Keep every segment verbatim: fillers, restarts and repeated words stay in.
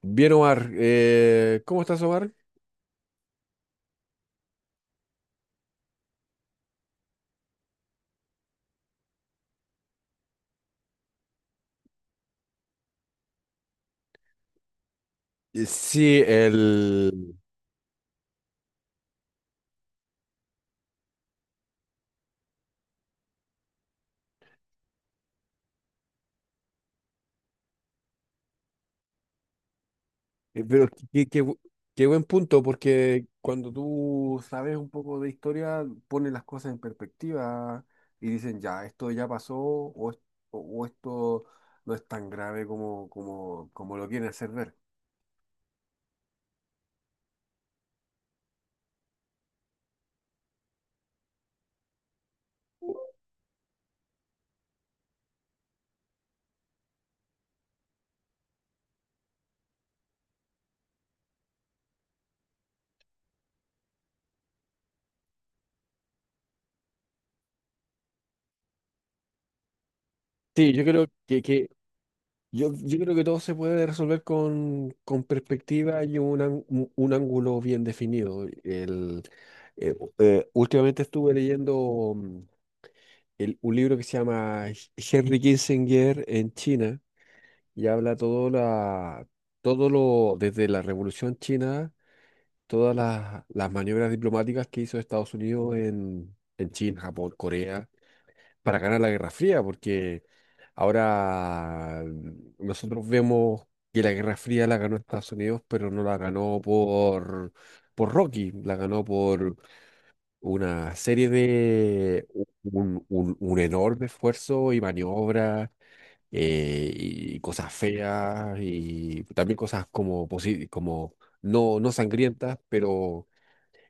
Bien, Omar. Eh, ¿cómo estás, Omar? Eh, Sí, el... eh, Pero qué, qué bu- ¿Qué buen punto? Porque cuando tú sabes un poco de historia, pones las cosas en perspectiva y dicen, ya, esto ya pasó o, es- o- o esto no es tan grave como, como, como lo quieren hacer ver. Sí, yo creo que, que Yo, yo creo que todo se puede resolver con, con perspectiva y un, ang- un- un ángulo bien definido. El, eh, eh, últimamente estuve leyendo mm, el- un libro que se llama Henry Kissinger en China, y habla todo, la, todo lo, desde la Revolución China, todas las, las maniobras diplomáticas que hizo Estados Unidos en, en China, Japón, Corea, para ganar la Guerra Fría. Porque ahora mm, nosotros vemos que la Guerra Fría la ganó Estados Unidos, pero no la ganó por, por Rocky, la ganó por una serie de un, un- un enorme esfuerzo y maniobras eh, y cosas feas y también cosas como, posi- como no, no sangrientas, pero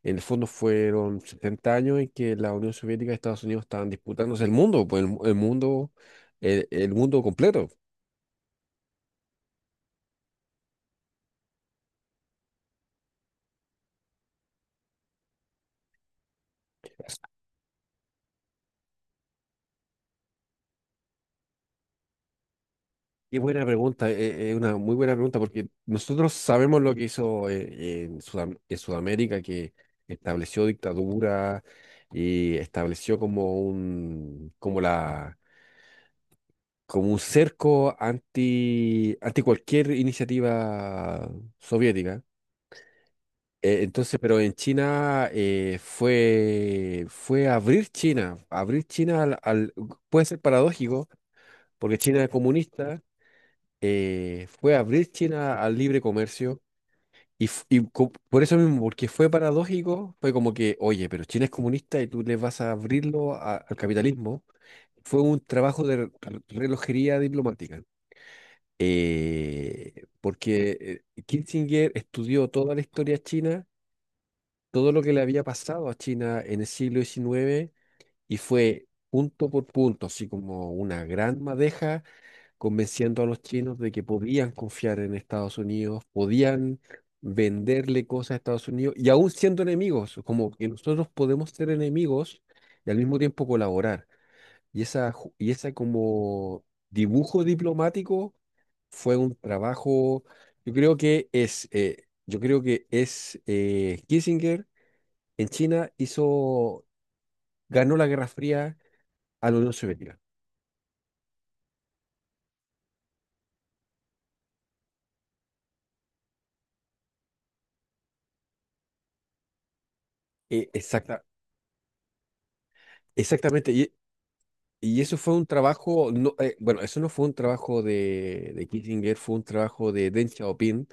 en el fondo fueron setenta años en que la Unión Soviética y Estados Unidos estaban disputándose el mundo, pues el, mu- el mundo, el, el mundo completo. Qué buena pregunta, es una muy buena pregunta, porque nosotros sabemos lo que hizo eh, en Sudam- en Sudamérica, que estableció dictadura y estableció como un, como la, como un cerco anti, anti cualquier iniciativa soviética. Eh, entonces, pero en China eh, fue, fue abrir China, abrir China al, al- puede ser paradójico, porque China es comunista, eh, fue abrir China al libre comercio, y, f- y co- por eso mismo, porque fue paradójico, fue como que, oye, pero China es comunista y tú le vas a abrirlo a- al capitalismo. Fue un trabajo de re- relojería diplomática. eh, porque eh, Kissinger estudió toda la historia china, todo lo que le había pasado a China en el siglo diecinueve, y fue punto por punto, así como una gran madeja, convenciendo a los chinos de que podían confiar en Estados Unidos, podían venderle cosas a Estados Unidos y aún siendo enemigos, como que nosotros podemos ser enemigos y al mismo tiempo colaborar. Y esa, ju- y esa como dibujo diplomático fue un trabajo. Yo creo que es, eh, yo creo que es eh, Kissinger en China hizo, ganó la Guerra Fría a la Unión Soviética. Eh, exacta, Exactamente. Y, y eso fue un trabajo, no, eh, bueno, eso no fue un trabajo de, de Kissinger, fue un trabajo de Deng Xiaoping.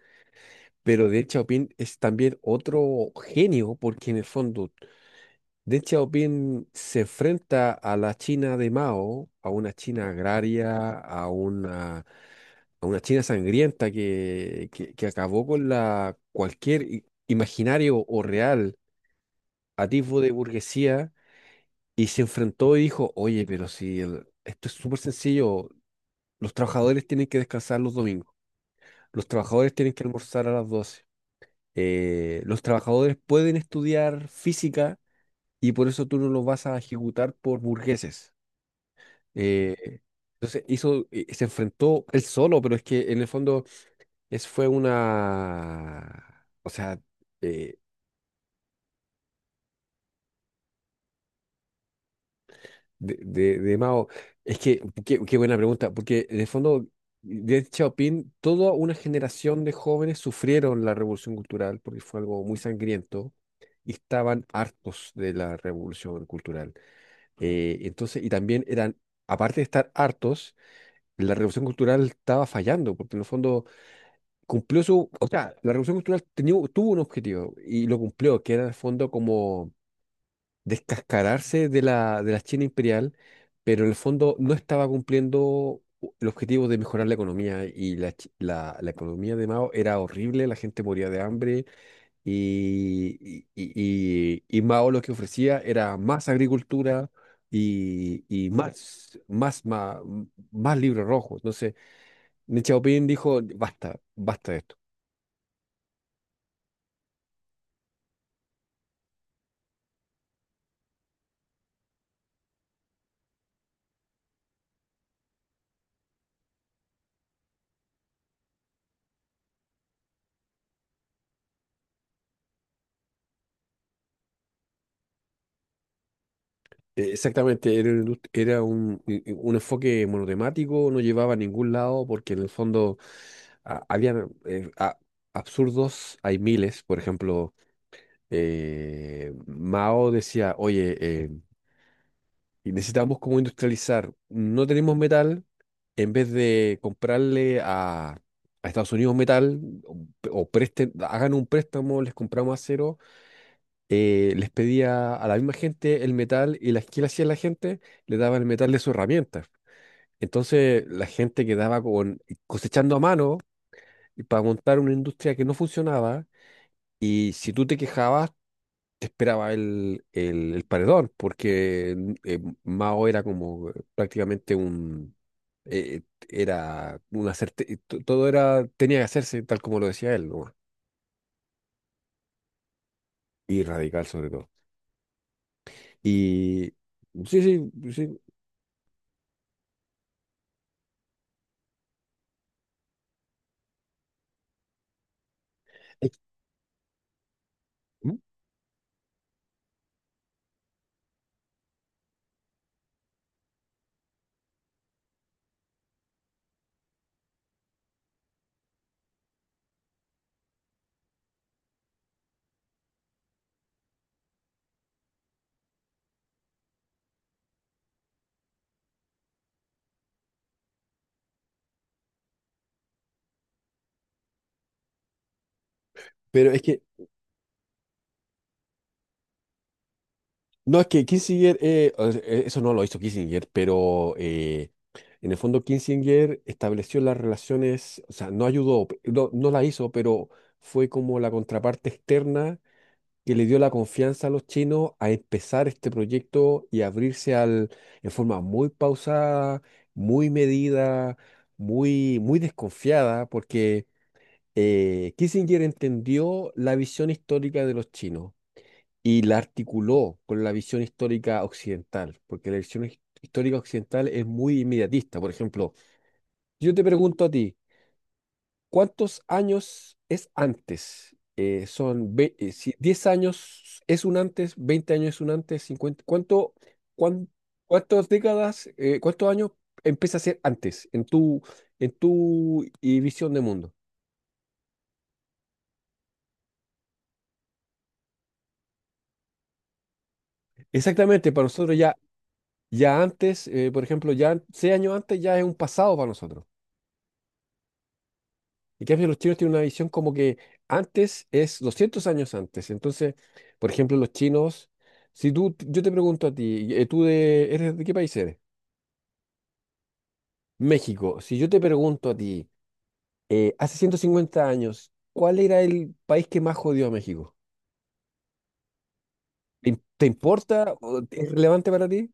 Pero Deng Xiaoping es también otro genio, porque en el fondo Deng Xiaoping se enfrenta a la China de Mao, a una China agraria, a una, a una China sangrienta que, que, que acabó con la cualquier i- imaginario o real a tipo de burguesía, y se enfrentó y dijo, oye, pero si el- esto es súper sencillo, los trabajadores tienen que descansar los domingos, los trabajadores tienen que almorzar a las doce eh, los trabajadores pueden estudiar física y por eso tú no los vas a ejecutar por burgueses. Eh, entonces hizo, eh, se enfrentó él solo, pero es que en el fondo es, fue una, o sea, eh, de, de, de Mao. Es que, qué, qué buena pregunta, porque en el fondo, Deng Xiaoping, toda una generación de jóvenes sufrieron la revolución cultural porque fue algo muy sangriento y estaban hartos de la revolución cultural. Eh, entonces, y también eran, aparte de estar hartos, la revolución cultural estaba fallando, porque en el fondo cumplió su, o sea, la revolución cultural tenía- tuvo un objetivo y lo cumplió, que era en el fondo como descascararse de la, de la China imperial, pero en el fondo no estaba cumpliendo el objetivo de mejorar la economía y la, chi- la- la economía de Mao era horrible, la gente moría de hambre y, y, y- y Mao lo que ofrecía era más agricultura y, y más, más, más, más libros rojos. Entonces, Deng Xiaoping dijo, basta, basta de esto. Eh, Exactamente, era, una indust- era un, i- i- un enfoque monotemático, no llevaba a ningún lado porque en el fondo a- habían eh, a- absurdos, hay miles, por ejemplo, eh, Mao decía, oye, eh, necesitamos como industrializar, no tenemos metal, en vez de comprarle a, a Estados Unidos metal o, o presten, hagan un préstamo, les compramos acero eh, les pedía a la misma gente el metal y la, ¿qué le hacía la gente? Le daba el metal de su herramienta. Entonces la gente quedaba con, cosechando a mano y para montar una industria que no funcionaba, y si tú te quejabas, te esperaba el, el, el paredón, porque mm, eh, Mao era como eh, prácticamente un... eh, era una certeza, todo era, tenía que hacerse tal como lo decía él, nomás. Y radical sobre todo. Y sí, sí, sí. Es- ¿Mm? Pero es que no, es que Kissinger, eh, o sea, eh, eso no lo hizo Kissinger, pero eh, en el fondo Kissinger estableció las relaciones, o sea, no ayudó, p- no, no la hizo, pero fue como la contraparte externa que le dio la confianza a los chinos a empezar este proyecto y abrirse al, en forma muy pausada, muy medida, muy, muy desconfiada, porque eh, Kissinger entendió la visión histórica de los chinos y la articuló con la visión histórica occidental, porque la visión his- histórica occidental es muy inmediatista. Por ejemplo, yo te pregunto a ti, ¿cuántos años es antes? Eh, son ve- eh, si diez años es un antes, veinte años es un antes, cincuenta, ¿cuánto, cuán- cuántas décadas, eh, cuántos años empieza a ser antes en tu, en tu eh, visión de mundo? Exactamente, para nosotros ya, ya antes, eh, por ejemplo, ya seis años antes ya es un pasado para nosotros. En cambio, los chinos tienen una visión como que antes es doscientos años antes. Entonces, por ejemplo, los chinos, si tú, yo te pregunto a ti, eh, ¿tú de, eres, de qué país eres? México. Si yo te pregunto a ti, eh, hace ciento cincuenta años, ¿cuál era el país que más jodió a México? ¿Te, te importa? ¿O Es relevante para ti?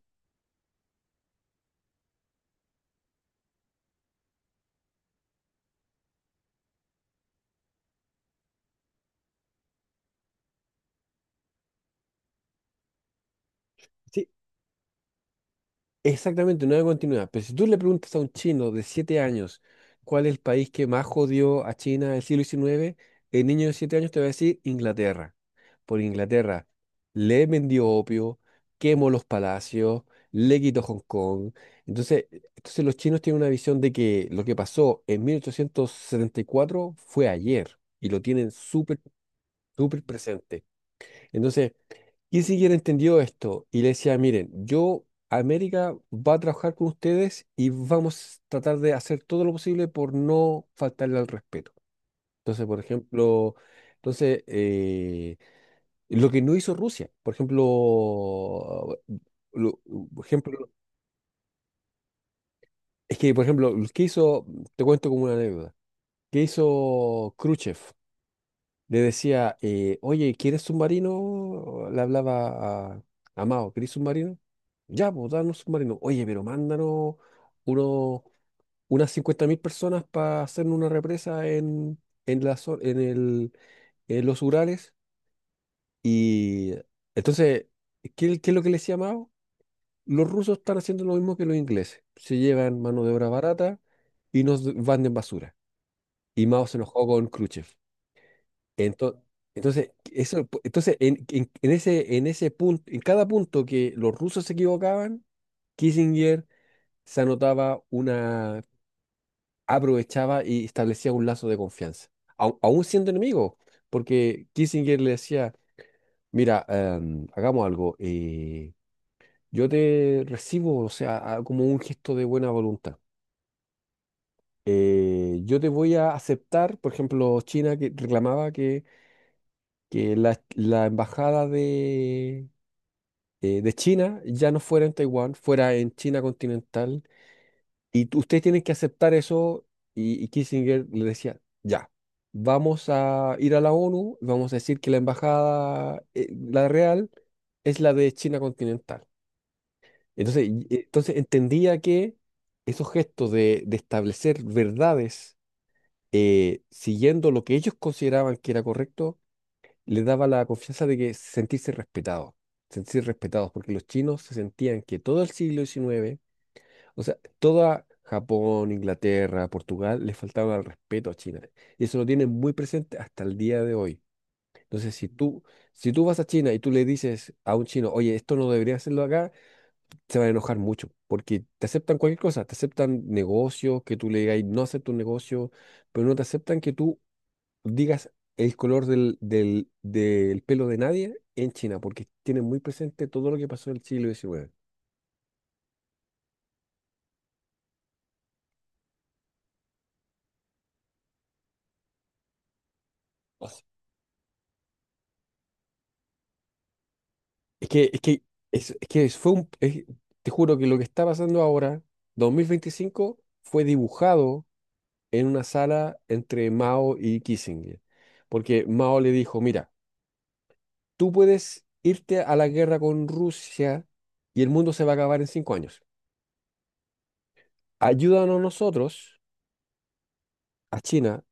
Sí, exactamente, no hay continuidad. Pero si tú le preguntas a un chino de siete años cuál es el país que más jodió a China en el siglo diecinueve, el niño de siete años te va a decir Inglaterra. Por Inglaterra le vendió opio, quemó los palacios, le quitó Hong Kong. Entonces, entonces los chinos tienen una visión de que lo que pasó en mil ochocientos setenta y cuatro fue ayer, y lo tienen súper, súper presente. Entonces, y si hubiera entendido esto y le decía, miren, yo, América, va a trabajar con ustedes y vamos a tratar de hacer todo lo posible por no faltarle al respeto. Entonces, por ejemplo, entonces, eh, lo que no hizo Rusia, por ejemplo, lo- por ejemplo, es que, por ejemplo, lo que hizo, te cuento como una anécdota, ¿que hizo Khrushchev? Le decía, eh, oye, ¿quieres submarino? Le hablaba a, a Mao, ¿querés submarino? Ya, pues, danos submarino. Oye, pero mándanos uno, unas cincuenta mil personas para hacer una represa en, en, la, zo- en, el, en los Urales. Y entonces, ¿qué, qué es lo que les decía Mao? Los rusos están haciendo lo mismo que los ingleses. Se llevan mano de obra barata y nos d- van de basura. Y Mao se enojó con Khrushchev. Entonces entonces, eso, entonces en, en- en ese, en ese punto, en cada punto que los rusos se equivocaban, Kissinger se anotaba una, aprovechaba y establecía un lazo de confianza, au- aún siendo enemigo, porque Kissinger le decía, mira, em, hagamos algo, eh, yo te recibo, o sea, a- como un gesto de buena voluntad. Eh, yo te voy a aceptar, por ejemplo, China que reclamaba que que la, la embajada de, eh, de China, ya no fuera en Taiwán, fuera en China continental. Y t- ustedes tienen que aceptar eso. Y, y Kissinger le decía, ya, vamos a ir a la O N U, vamos a decir que la embajada, eh, la real, es la de China continental. Entonces, y- eh, entonces entendía que esos gestos de, de establecer verdades, eh, siguiendo lo que ellos consideraban que era correcto, les daba la confianza de que sentirse respetados, sentirse respetados, porque los chinos se sentían que todo el siglo diecinueve, o sea, toda Japón, Inglaterra, Portugal, les faltaba el respeto a China. Y eso lo tienen muy presente hasta el día de hoy. Entonces, si tú, si tú vas a China y tú le dices a un chino, oye, esto no debería hacerlo acá, se van a enojar mucho, porque te aceptan cualquier cosa, te aceptan negocios, que tú le digas, no acepto un negocio, pero no te aceptan que tú digas el color del, del, del pelo de nadie en China, porque tienen muy presente todo lo que pasó en el siglo diecinueve. Es que, es que, es, es que es- fue un, es- te juro que lo que está pasando ahora, dos mil veinticinco fue dibujado en una sala entre Mao y Kissinger, porque Mao le dijo, mira, tú puedes irte a la guerra con Rusia y el mundo se va a acabar en cinco años. Ayúdanos nosotros a China,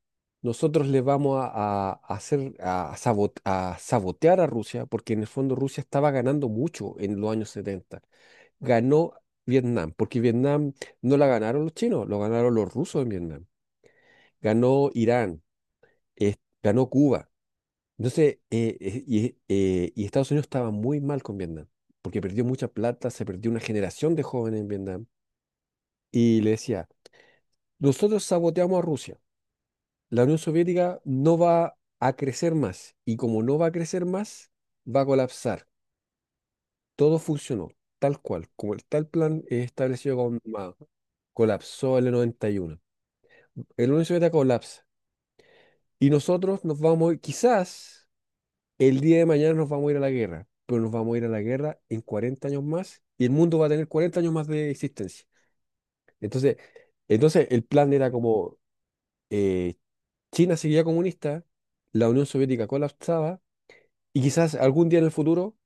nosotros le vamos a, a- a hacer a, sabot- a sabotear a Rusia, porque en el fondo Rusia estaba ganando mucho en los años setenta. Ganó Vietnam, porque Vietnam no la ganaron los chinos, lo ganaron los rusos en Vietnam. Ganó Irán, eh, ganó Cuba. Entonces, eh, eh, y, eh, y Estados Unidos estaba muy mal con Vietnam, porque perdió mucha plata, se perdió una generación de jóvenes en Vietnam. Y le decía, nosotros saboteamos a Rusia. La Unión Soviética no va a crecer más y como no va a crecer más, va a colapsar. Todo funcionó tal cual, como el tal plan es establecido con Mao. Colapsó en el noventa y uno. El Unión Soviética colapsa y nosotros nos vamos, a ir- quizás el día de mañana nos vamos a ir a la guerra, pero nos vamos a ir a la guerra en cuarenta años más y el mundo va a tener cuarenta años más de existencia. Entonces, entonces el plan era como eh, China seguía comunista, la Unión Soviética colapsaba, y quizás algún día en el futuro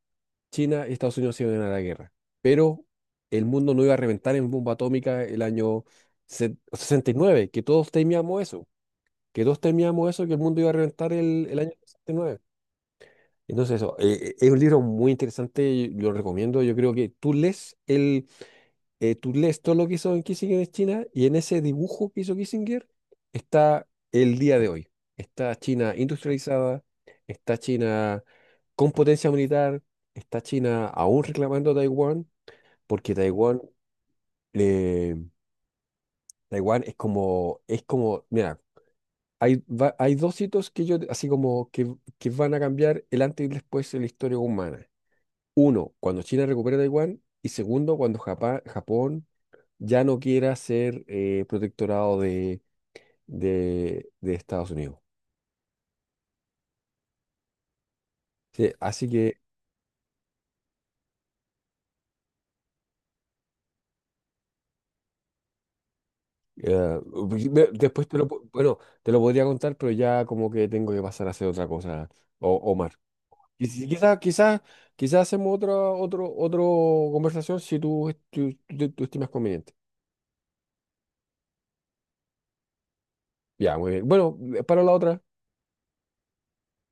China y Estados Unidos se iban a la guerra, pero el mundo no iba a reventar en bomba atómica el año se- sesenta y nueve, que todos temíamos eso, que todos temíamos eso, que el mundo iba a reventar el, el año sesenta y nueve. Entonces eso, eh, eh, es un libro muy interesante, yo lo recomiendo, yo creo que tú lees el, eh, tú lees todo lo que hizo en Kissinger en China, y en ese dibujo que hizo Kissinger está el día de hoy. Está China industrializada, está China con potencia militar, está China aún reclamando Taiwán, porque Taiwán, eh, Taiwán es como, es como, mira, hay, va- hay dos hitos que yo, así como que, que van a cambiar el antes y el después de la historia humana. Uno, cuando China recupera Taiwán, y segundo, cuando Japa- Japón, ya no quiera ser eh, protectorado de, de, de Estados Unidos. Sí, así que eh, ve- después te lo, po- bueno, te lo podría contar, pero ya como que tengo que pasar a hacer otra cosa, o, Omar. Y si- Quizás, quizás, quizás hacemos otra otro, otro conversación si tú, tú, tú- tú estimas conveniente. Ya, muy bien. Bueno, eh, para la otra.